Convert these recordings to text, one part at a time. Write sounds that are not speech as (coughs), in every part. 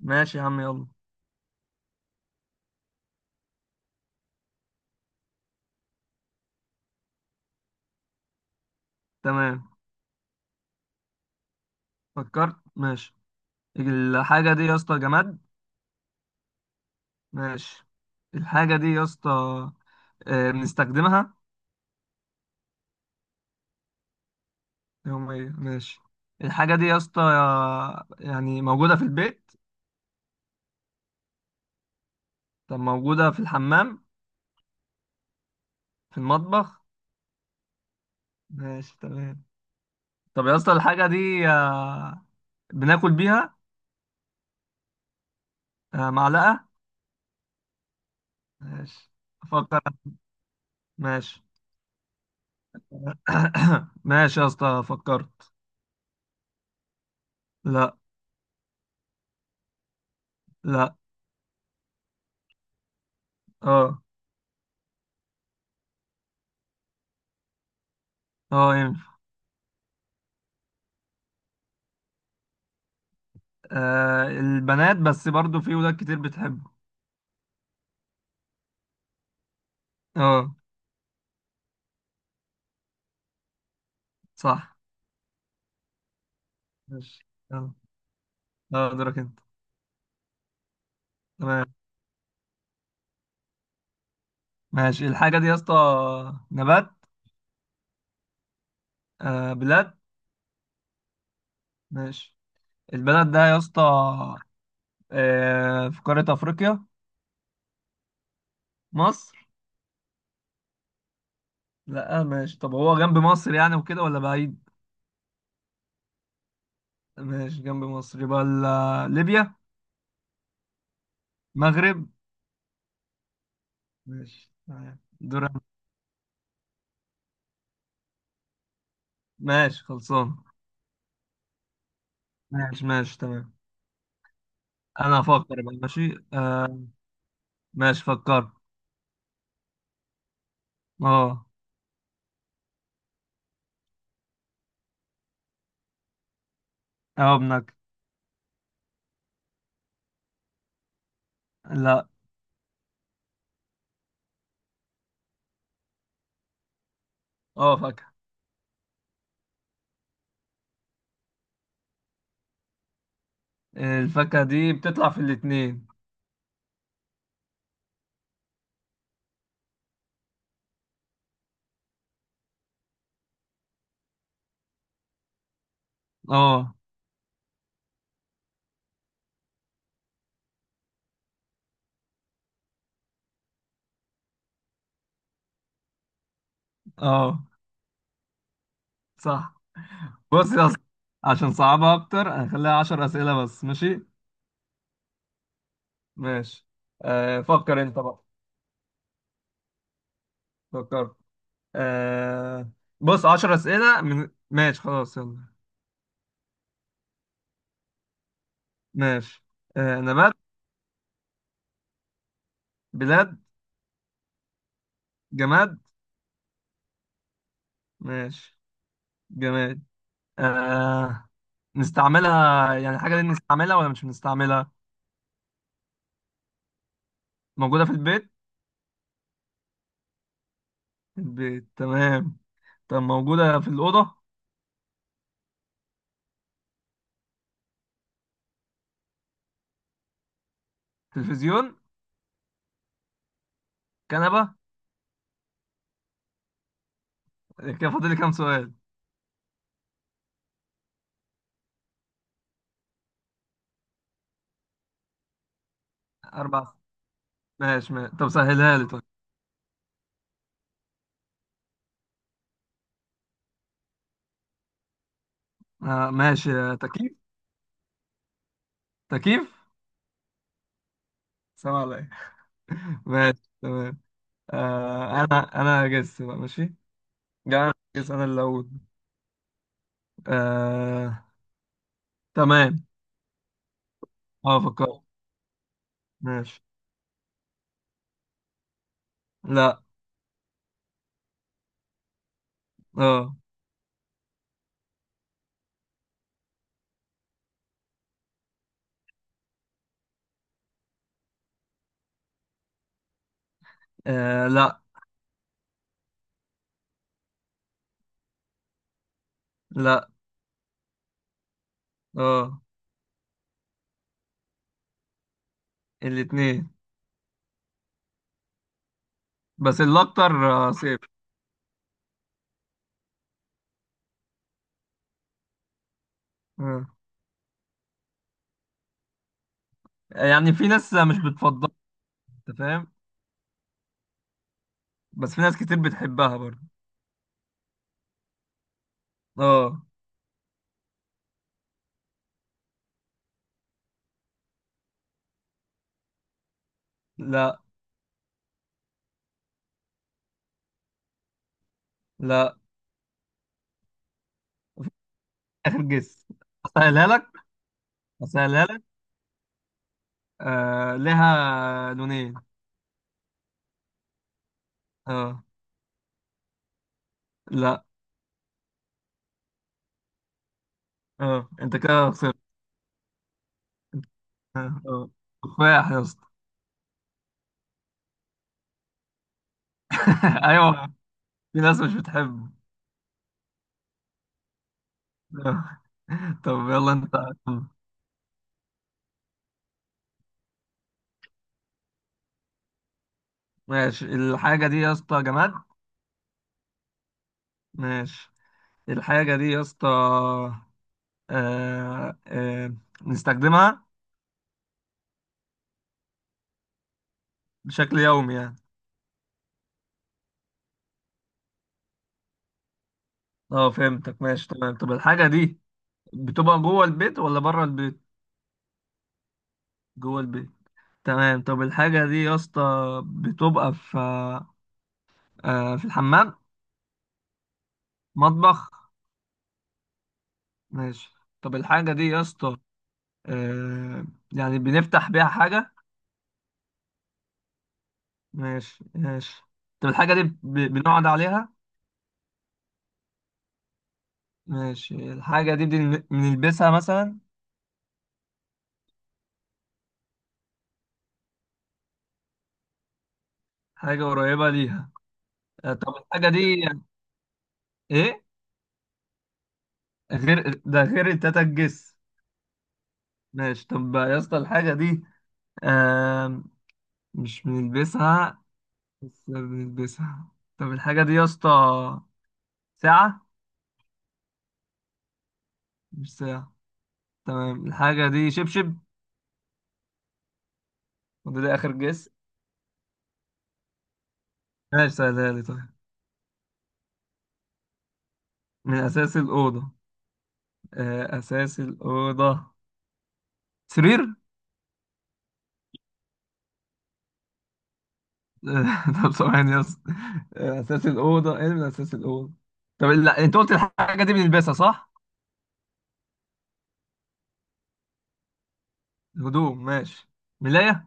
ماشي يا عم، يلا. تمام. فكرت، ماشي. الحاجة دي يا اسطى جماد؟ ماشي. الحاجة دي يا اسطى بنستخدمها؟ يوميا، ماشي. الحاجة دي يا اسطى يعني موجودة في البيت؟ طب موجودة في الحمام؟ في المطبخ؟ ماشي تمام. طب يا اسطى الحاجة دي بناكل بيها؟ معلقة؟ ماشي. أفكر. ماشي. (coughs) ماشي يا اسطى، فكرت. لا. لا. اه. اه، ينفع. آه، البنات بس برضو في ولاد كتير بتحبه. اه، صح. ماشي، اه. اه، دورك انت. تمام. ماشي، الحاجة دي يا اسطى نبات؟ آه، بلاد. ماشي. البلد ده يا اسطى في قارة أفريقيا؟ مصر؟ لا، ماشي. طب هو جنب مصر يعني وكده، ولا بعيد؟ ماشي، جنب مصر يبقى ليبيا؟ مغرب؟ ماشي تمام، دور أنا. ماشي، خلصان. ماشي، ماشي، تمام. انا هفكر بقى، ماشي. ماشي، فكرت. اه. اه، بنك. لا. اه، فاكهة. الفاكهة دي بتطلع في الاتنين. اه. اه، صح. بص يا اسطى، عشان صعبها اكتر هنخليها 10 اسئلة بس، ماشي؟ ماشي. فكر انت بقى. فكر. آه. بص، 10 أسئلة، من ماشي، خلاص، يلا. ماشي. آه، نبات؟ بلاد؟ جماد؟ ماشي. جماد. آه نستعملها، يعني الحاجة دي نستعملها ولا مش بنستعملها؟ موجودة في البيت؟ البيت، تمام. طب موجودة في الأوضة؟ تلفزيون؟ كنبة؟ كده فاضل لي كام سؤال؟ أربع. ماشي، ماشي. طب سهلها لي طيب. آه، ماشي، تكييف؟ تكييف. سلام عليك. (laughs) ماشي، تمام. أنا هجس بقى، ماشي. جاي هجس، أنا اللي أقول. آه. تمام. أه، فكرت. ماشي. لا. أه. لا. لا. أه. الاتنين. بس الأكتر صفر. آه. يعني في ناس مش بتفضلها، أنت فاهم؟ بس في ناس كتير بتحبها برضه. اه. لا. لا. اخر جس. اسهلها لك. اسهلها لك. لها لونين. اه. لا. اه، انت كده خسرت. اه، آه، تفاح يا اسطى. (laughs) ايوه، في ناس مش بتحبه. آه. طب، يلا انت. ماشي، الحاجه دي يا اسطى جماد؟ ماشي. الحاجه دي يا اسطى آه آه نستخدمها؟ بشكل يومي يعني؟ اه، فهمتك، ماشي تمام. طب الحاجه دي بتبقى جوه البيت ولا بره البيت؟ جوه البيت. تمام. طب الحاجة دي يا اسطى بتبقى في الحمام؟ مطبخ؟ ماشي. طب الحاجة دي يا اسطى آه، يعني بنفتح بيها حاجة؟ ماشي، ماشي. طب الحاجة دي بنقعد عليها؟ ماشي. الحاجة دي بنلبسها مثلا؟ حاجة قريبة ليها. طب الحاجة دي ايه؟ غير ده، غير التاتا الجس؟ ماشي. طب يا اسطى الحاجة دي آه، مش بنلبسها. بس بنلبسها؟ طب الحاجة دي يا اسطى ساعة؟ مش ساعة. تمام. الحاجة دي شبشب؟ وده، ده آخر جس. ماشي، سهلها لي طيب. من أساس الأوضة؟ أساس الأوضة. سرير؟ (laughs) طب ثواني يس. أساس الأوضة إيه؟ من أساس الأوضة؟ طب لا، أنت قلت الحاجة دي بنلبسها صح؟ الهدوم، ماشي. ملاية؟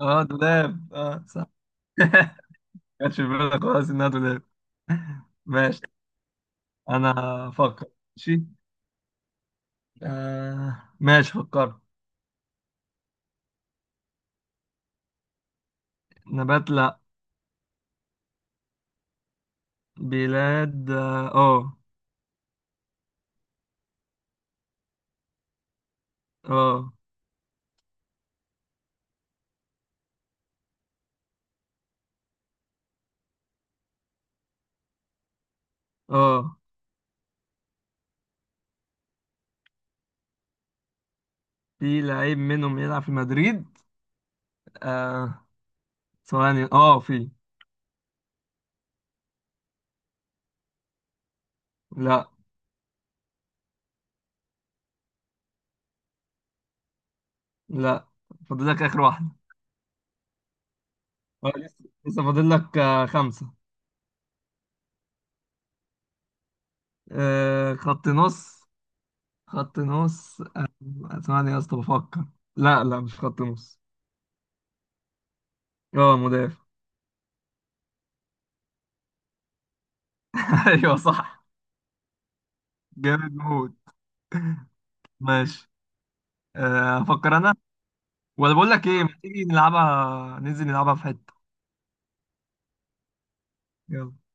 أه، دولاب. أه، صح. (laughs) كانش في بالك خالص إنها دولاب. ماشي. أنا أفكر. ماشي. ماشي، فكرت. نبات؟ لا. بلاد؟ اه. آه. اه. اه، في لعيب منهم يلعب في مدريد. آه. ثواني، اه، في. لا. لا، فاضل لك اخر واحدة. اه، لسه فاضل لك خمسة. خط نص. خط نص. ثواني يا اسطى، بفكر. لا، لا، مش خط نص. اه، مدافع. (laughs) ايوه، صح. جامد موت. ماشي. افكر انا. ولا بقول لك ايه، ما تيجي نلعبها، ننزل نلعبها في حتة؟ يلا.